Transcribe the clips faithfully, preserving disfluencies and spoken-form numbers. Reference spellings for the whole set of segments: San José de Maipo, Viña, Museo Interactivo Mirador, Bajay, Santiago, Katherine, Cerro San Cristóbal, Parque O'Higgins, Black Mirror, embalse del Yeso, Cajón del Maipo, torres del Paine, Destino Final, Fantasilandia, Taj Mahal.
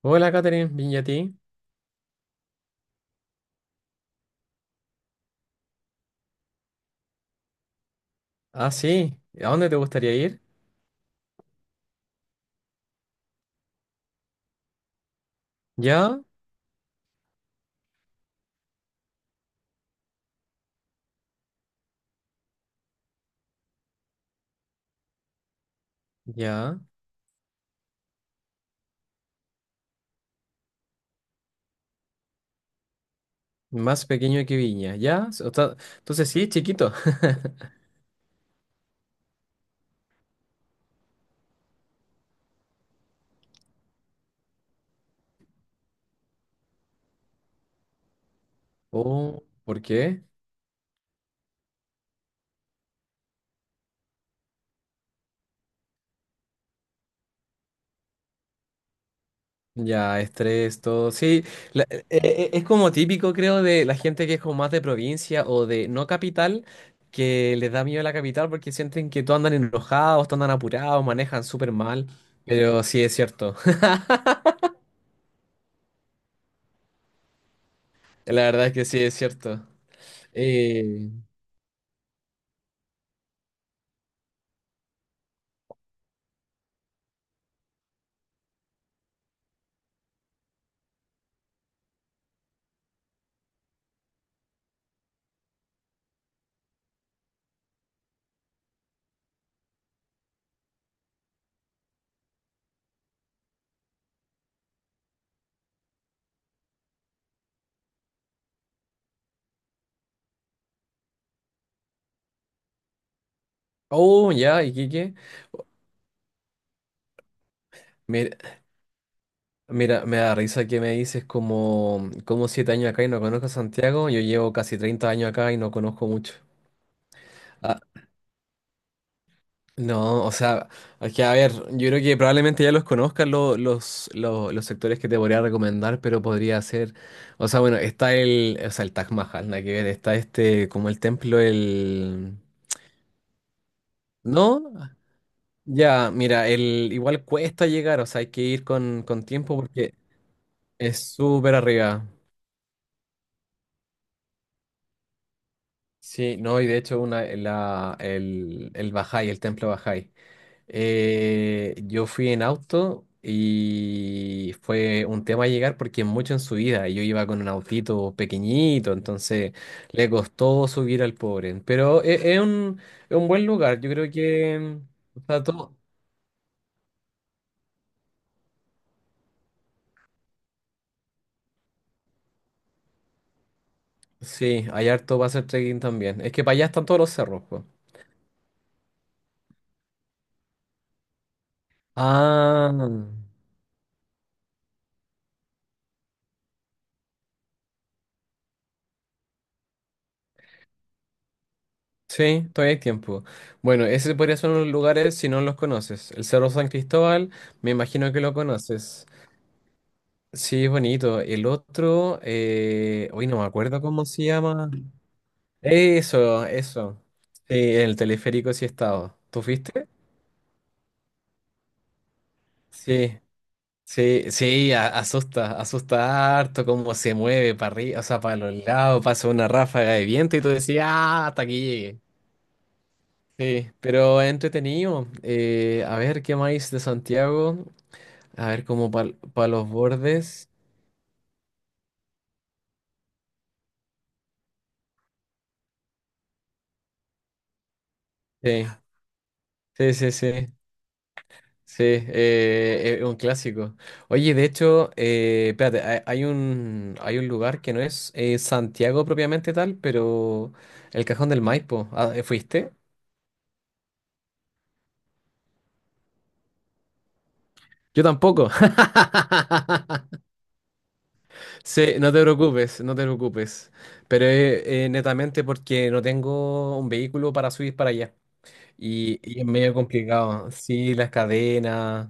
Hola, Katherine, bien, ¿y a ti? Ah, sí, ¿a dónde te gustaría ir? Ya, ya, más pequeño que Viña, ya, s- o sea, entonces sí, chiquito. Oh, ¿por qué? Ya, estrés, todo, sí, la- e- e- es como típico, creo, de la gente que es como más de provincia o de no capital, que les da miedo la capital porque sienten que todos andan enojados, todos andan apurados, manejan súper mal, pero sí es cierto, la verdad es que sí es cierto. Eh, oh, ya, ¿y qué? qué? Me- Mira, me da risa que me dices como, como siete años acá y no conozco a Santiago. Yo llevo casi treinta años acá y no conozco mucho. Ah, no, o sea, es que a ver, yo creo que probablemente ya los conozcas lo- los, lo- los sectores que te podría recomendar, pero podría ser, o sea, bueno, está el, o sea, el Taj Mahal, nada que ver, está este, como el templo, el... ¿No? Ya, mira, el, igual cuesta llegar, o sea, hay que ir con, con tiempo porque es súper arriba. Sí, no, y de hecho una, la, el, el Bajay, el templo Bajay. Eh, yo fui en auto y fue un tema llegar porque es mucho en subida. Y Yo iba con un autito pequeñito, entonces le costó subir al pobre. Pero e- es, un, es un buen lugar, yo creo que... o todo- sí, hay harto para hacer trekking también. Es que para allá están todos los cerros, pues. Ah. Sí, todavía hay tiempo. Bueno, ese podría ser unos lugares si no los conoces. El Cerro San Cristóbal, me imagino que lo conoces. Sí, es bonito. El otro, eh... hoy no me acuerdo cómo se llama. Eso, eso. Sí, el teleférico sí he estado. ¿Tú fuiste? Sí, sí, sí, a- asusta, asusta harto cómo se mueve para arriba, o sea, para los lados, pasa una ráfaga de viento y tú decías, ah, hasta aquí llegué. Sí, pero es entretenido. Eh, a ver, ¿qué más de Santiago? A ver, como para los bordes. Sí, sí, sí, sí. Sí, eh, es un clásico. Oye, de hecho, eh, espérate, hay, hay un, hay un lugar que no es eh, Santiago propiamente tal, pero el Cajón del Maipo. Ah, ¿eh, ¿fuiste? Yo tampoco. Sí, no te preocupes, no te preocupes. Pero eh, eh, netamente porque no tengo un vehículo para subir para allá. Y, y es medio complicado. Sí, las cadenas.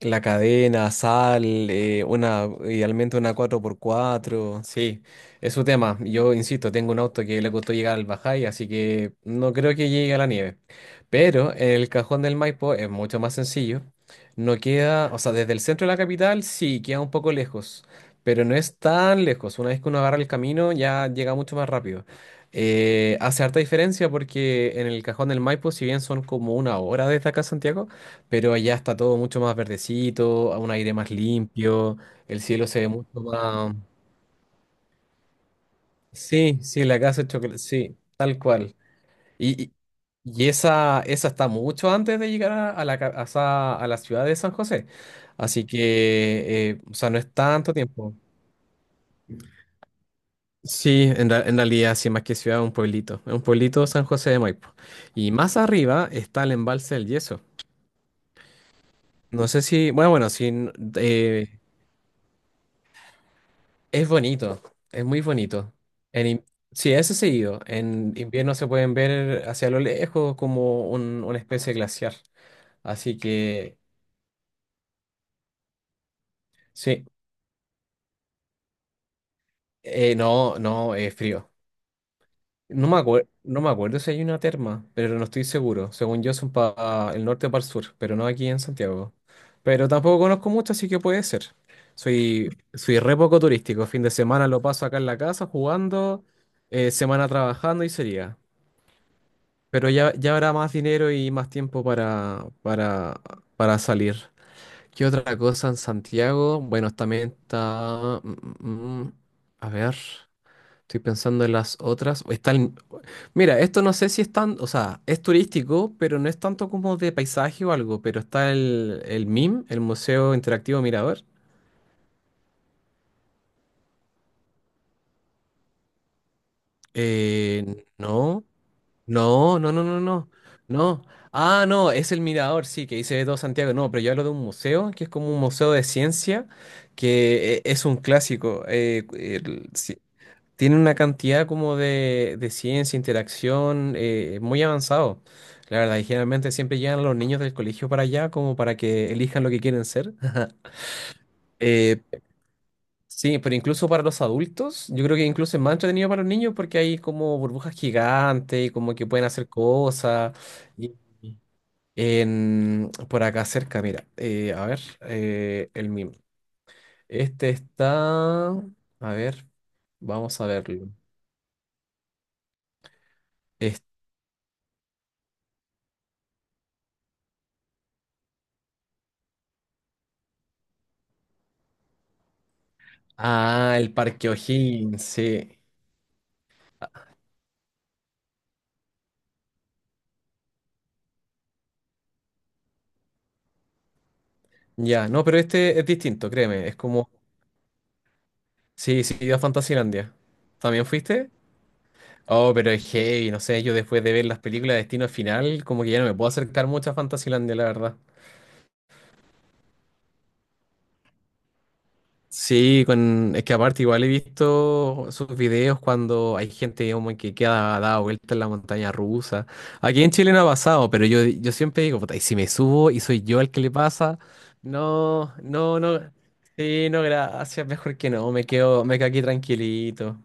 La cadena, sal, eh, una, idealmente una cuatro por cuatro sí, es su tema. Yo insisto, tengo un auto que le costó llegar al Bajay, así que no creo que llegue a la nieve. Pero en el Cajón del Maipo es mucho más sencillo. No queda, o sea, desde el centro de la capital sí, queda un poco lejos, pero no es tan lejos. Una vez que uno agarra el camino ya llega mucho más rápido. Eh, hace harta diferencia porque en el Cajón del Maipo, si bien son como una hora desde acá a Santiago, pero allá está todo mucho más verdecito, a un aire más limpio, el cielo se ve mucho más... Sí, sí, la casa de chocolate, sí, tal cual. Y, y- y esa, esa está mucho antes de llegar a, a la, ca- a, esa- a la ciudad de San José. Así que, eh, o sea, no es tanto tiempo. Sí, en, ra- en realidad, sí, más que ciudad, es un pueblito. Es un pueblito San José de Maipo. Y más arriba está el embalse del Yeso. No sé si, bueno, bueno, si eh, es bonito, es muy bonito. En, in- sí, eso es seguido. En invierno se pueden ver hacia lo lejos como un- una especie de glaciar. Así que, sí, Eh, no, no, es frío. No me acuerdo, no me acuerdo si hay una terma, pero no estoy seguro. Según yo son para el norte o para el sur, pero no aquí en Santiago. Pero tampoco conozco mucho, así que puede ser. Soy, soy re poco turístico. Fin de semana lo paso acá en la casa jugando, eh, semana trabajando y sería. Pero ya, ya habrá más dinero y más tiempo para, para, para salir. ¿Qué otra cosa en Santiago? Bueno, también está... mm, mm, mm, a ver, estoy pensando en las otras. Está el- mira, esto no sé si es tan... O sea, es turístico, pero no es tanto como de paisaje o algo. Pero está el, el M I M, el Museo Interactivo Mirador. Eh, no. No, no, no, no, no. No. Ah, no, es el mirador, sí, que dice todo Santiago. No, pero yo hablo de un museo, que es como un museo de ciencia, que eh, es un clásico. Eh, el- sí, tiene una cantidad como de, de ciencia, interacción, eh, muy avanzado. La verdad, y generalmente siempre llegan los niños del colegio para allá como para que elijan lo que quieren ser. Eh, Sí, pero incluso para los adultos, yo creo que incluso es más entretenido para los niños porque hay como burbujas gigantes y como que pueden hacer cosas. Y en, por acá cerca, mira, eh, a ver, eh, el meme. Este está, a ver, vamos a verlo. Es- ah, el Parque O'Higgins, sí. Ya, no, pero este es distinto, créeme, es como, sí, sí, a Fantasilandia. ¿También fuiste? Oh, pero es heavy, no sé, yo después de ver las películas de Destino Final, como que ya no me puedo acercar mucho a Fantasylandia, la verdad. Sí, con, es que aparte igual he visto sus videos cuando hay gente como que queda dada vuelta en la montaña rusa. Aquí en Chile no ha pasado, pero yo, yo siempre digo, puta, y si me subo y soy yo el que le pasa, no, no, no, sí, no, gracias, mejor que no, me quedo, me quedo aquí tranquilito,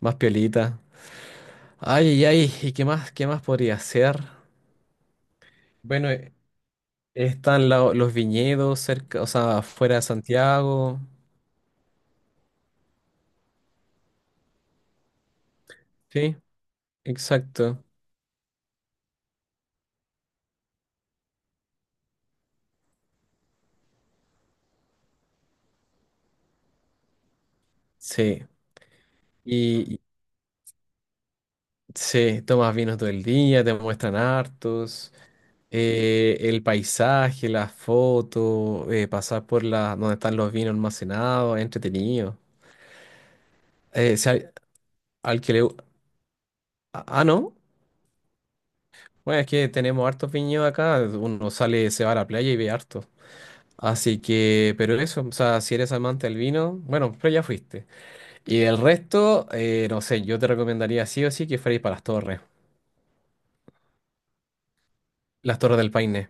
más piolita. Ay, ay, ay, ¿y qué más, qué más podría hacer? Bueno, están la- los viñedos cerca, o sea, afuera de Santiago. Sí, exacto. Sí. Y sí, tomas vino todo el día, te muestran hartos. Eh, el paisaje, las fotos, eh, pasar por la, donde están los vinos almacenados, es entretenido. Eh, si al, al que le... gu- Ah, ah, no. Bueno, es que tenemos hartos viñedos acá. Uno sale, se va a la playa y ve hartos. Así que, pero eso, o sea, si eres amante del vino, bueno, pero ya fuiste. Y del resto, eh, no sé, yo te recomendaría sí o sí que fuerais para las torres, las torres del Paine.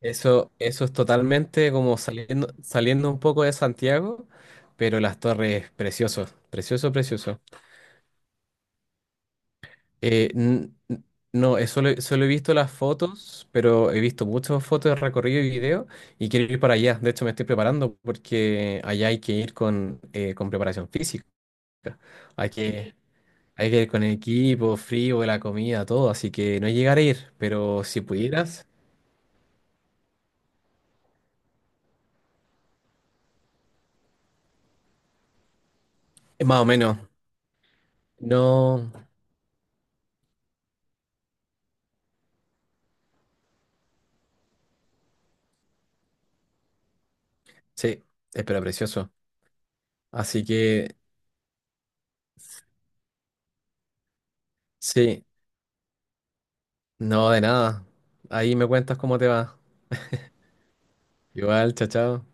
Eso, eso es totalmente como saliendo, saliendo un poco de Santiago, pero las torres, precioso, precioso, precioso. Eh, n- n- no, eh, solo, solo he visto las fotos, pero he visto muchas fotos de recorrido y video y quiero ir para allá. De hecho, me estoy preparando porque allá hay que ir con, eh, con preparación física. Hay que, Hay que ir con el equipo, frío, la comida, todo, así que no llegar a ir, pero si pudieras, eh, más o menos, no, sí, eh, pero precioso. Así que, sí, no de nada. Ahí me cuentas cómo te va. Igual, chao, chao.